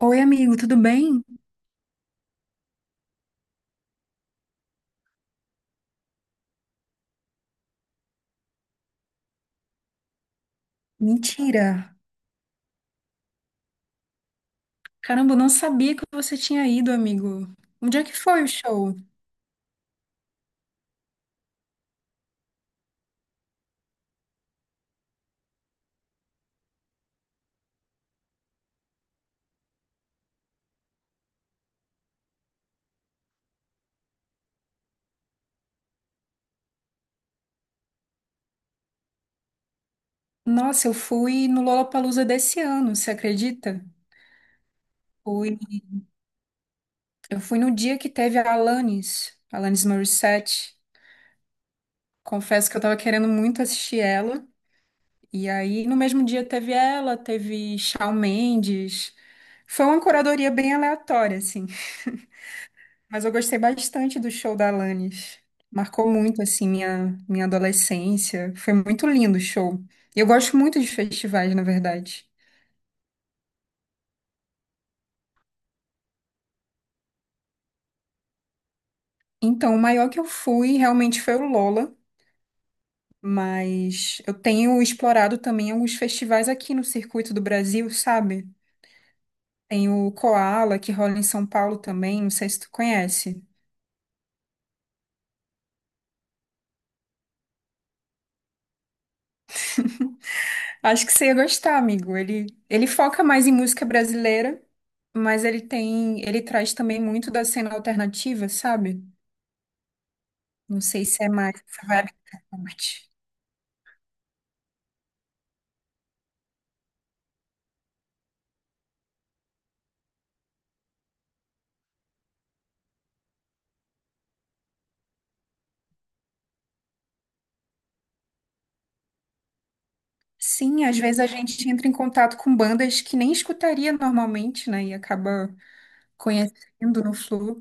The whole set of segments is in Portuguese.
Oi, amigo, tudo bem? Mentira! Caramba, eu não sabia que você tinha ido, amigo. Onde é que foi o show? Nossa, eu fui no Lollapalooza desse ano, você acredita? Fui. Eu fui no dia que teve a Alanis, Alanis Morissette. Confesso que eu tava querendo muito assistir ela. E aí, no mesmo dia teve ela, teve Shawn Mendes. Foi uma curadoria bem aleatória, assim. Mas eu gostei bastante do show da Alanis. Marcou muito, assim, minha adolescência. Foi muito lindo o show. E eu gosto muito de festivais, na verdade. Então, o maior que eu fui realmente foi o Lola, mas eu tenho explorado também alguns festivais aqui no circuito do Brasil, sabe? Tem o Koala, que rola em São Paulo também, não sei se tu conhece. Acho que você ia gostar, amigo. Ele foca mais em música brasileira, mas ele tem, ele traz também muito da cena alternativa, sabe? Não sei se é mais essa vibe que você curte. Sim, às vezes a gente entra em contato com bandas que nem escutaria normalmente, né? E acaba conhecendo no Flu.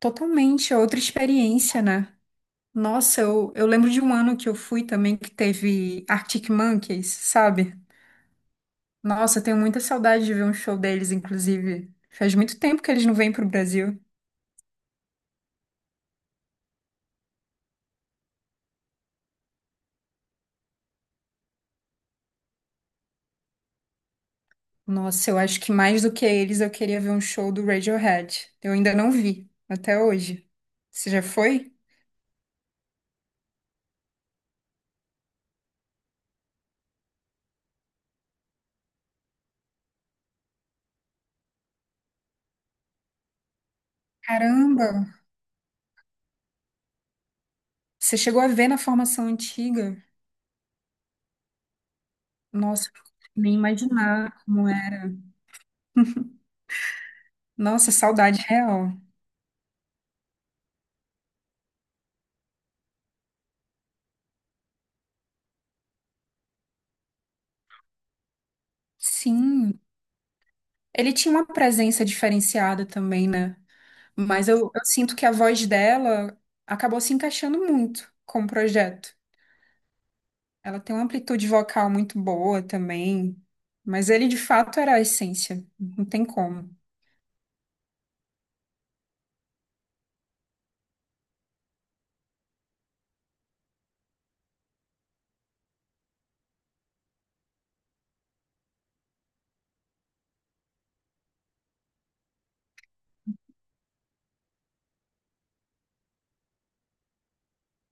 Totalmente outra experiência, né? Nossa, eu lembro de um ano que eu fui também que teve Arctic Monkeys, sabe? Nossa, eu tenho muita saudade de ver um show deles, inclusive. Faz muito tempo que eles não vêm pro Brasil. Nossa, eu acho que mais do que eles, eu queria ver um show do Radiohead. Eu ainda não vi, até hoje. Você já foi? Caramba! Você chegou a ver na formação antiga? Nossa, nem imaginar como é. Nossa, saudade real. Sim. Ele tinha uma presença diferenciada também, né? Mas eu sinto que a voz dela acabou se encaixando muito com o projeto. Ela tem uma amplitude vocal muito boa também, mas ele de fato era a essência, não tem como.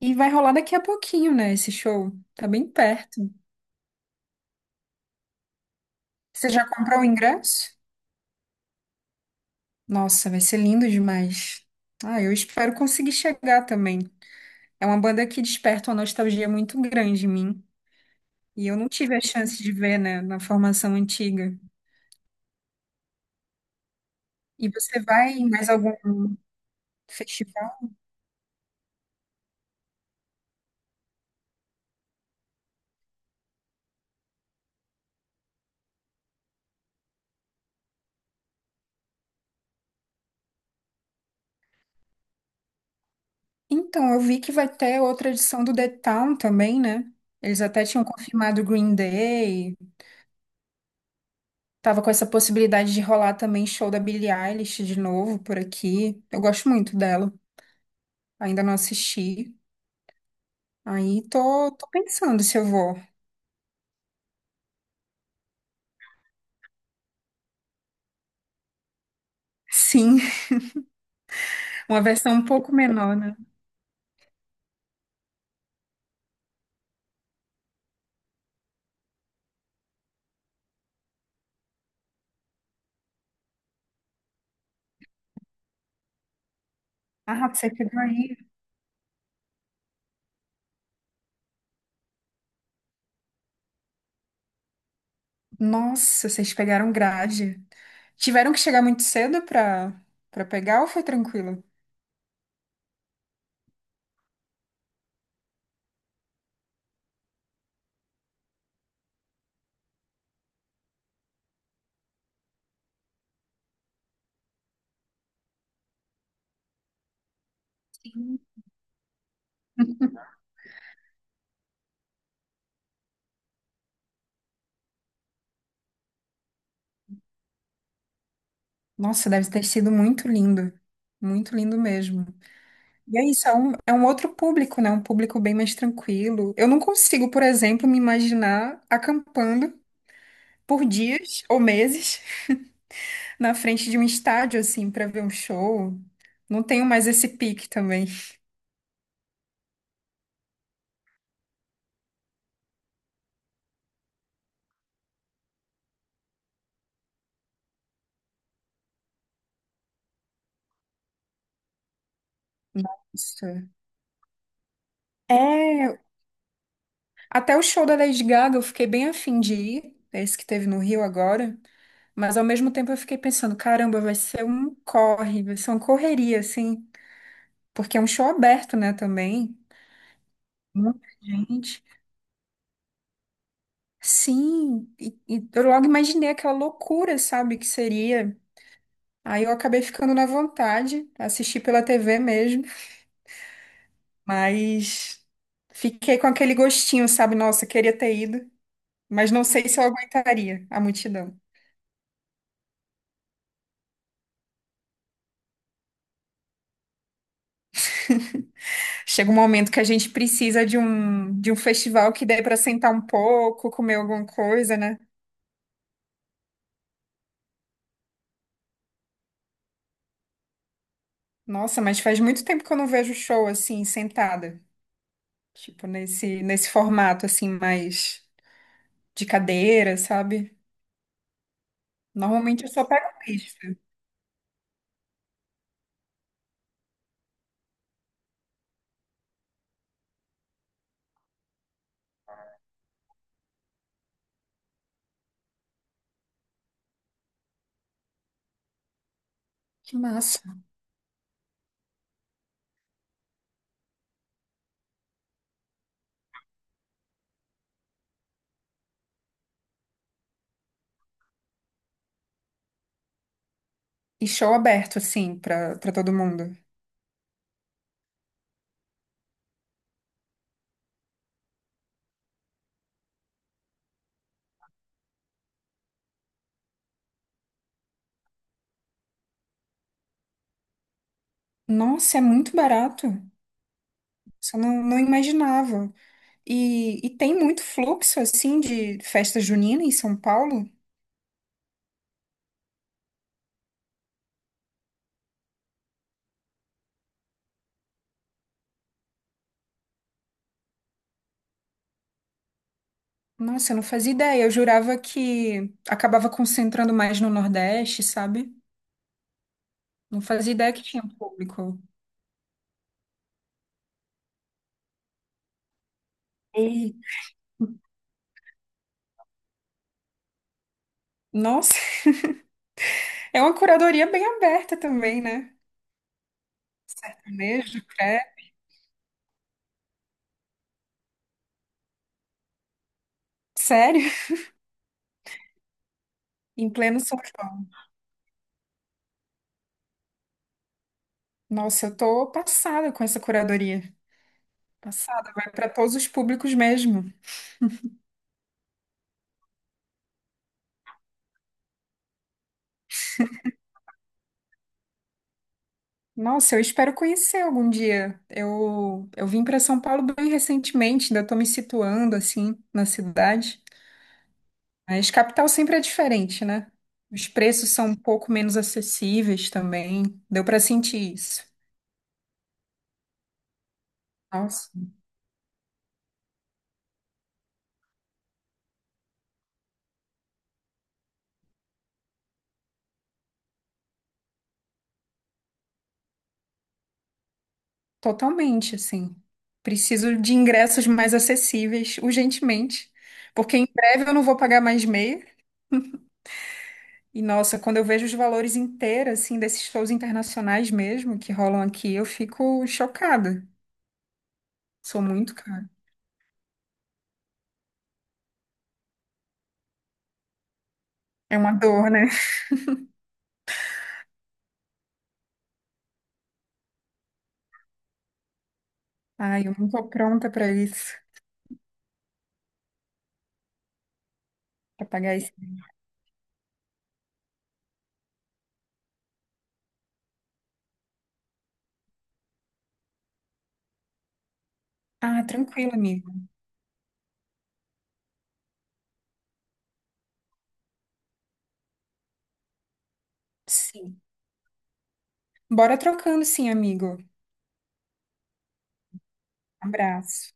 E vai rolar daqui a pouquinho, né, esse show? Tá bem perto. Você já comprou o ingresso? Nossa, vai ser lindo demais. Ah, eu espero conseguir chegar também. É uma banda que desperta uma nostalgia muito grande em mim, e eu não tive a chance de ver, né, na formação antiga. E você vai em mais algum festival? Então, eu vi que vai ter outra edição do The Town também, né? Eles até tinham confirmado o Green Day. Tava com essa possibilidade de rolar também show da Billie Eilish de novo por aqui. Eu gosto muito dela. Ainda não assisti. Aí tô pensando se eu vou. Sim, uma versão um pouco menor, né? Ah, você pegou aí. Nossa, vocês pegaram grade. Tiveram que chegar muito cedo pra pegar ou foi tranquilo? Sim. Nossa, deve ter sido muito lindo. Muito lindo mesmo. E é isso, é um outro público, né? Um público bem mais tranquilo. Eu não consigo, por exemplo, me imaginar acampando por dias ou meses na frente de um estádio, assim, para ver um show. Não tenho mais esse pique também. Isso. É, até o show da Lady Gaga eu fiquei bem afim de ir, é esse que teve no Rio agora, mas ao mesmo tempo eu fiquei pensando, caramba, vai ser um corre, vai ser uma correria, assim, porque é um show aberto, né, também. Muita gente. Sim, e eu logo imaginei aquela loucura, sabe, que seria. Aí eu acabei ficando na vontade, assisti pela TV mesmo, mas fiquei com aquele gostinho, sabe? Nossa, queria ter ido, mas não sei se eu aguentaria a multidão. Chega um momento que a gente precisa de um festival que dê para sentar um pouco, comer alguma coisa, né? Nossa, mas faz muito tempo que eu não vejo show assim, sentada. Tipo, nesse formato, assim, mais de cadeira, sabe? Normalmente eu só pego pista. Que massa. E show aberto, assim, pra todo mundo. Nossa, é muito barato. Só não imaginava. E tem muito fluxo, assim, de festa junina em São Paulo? Nossa, eu não fazia ideia. Eu jurava que acabava concentrando mais no Nordeste, sabe? Não fazia ideia que tinha público. E, nossa, é uma curadoria bem aberta também, né? Sertanejo, credo. Sério? Em pleno São João. Nossa, eu tô passada com essa curadoria. Passada, vai para todos os públicos mesmo. Nossa, eu espero conhecer algum dia. Eu vim para São Paulo bem recentemente, ainda tô me situando assim na cidade. Mas capital sempre é diferente, né? Os preços são um pouco menos acessíveis também. Deu para sentir isso. Nossa, totalmente assim. Preciso de ingressos mais acessíveis urgentemente, porque em breve eu não vou pagar mais meia. E nossa, quando eu vejo os valores inteiros, assim, desses shows internacionais mesmo que rolam aqui, eu fico chocada. Sou muito cara. É uma dor, né? Ai, eu não tô pronta pra isso, pra pagar isso. Ah, tranquilo, amigo. Sim. Bora trocando, sim, amigo. Abraço.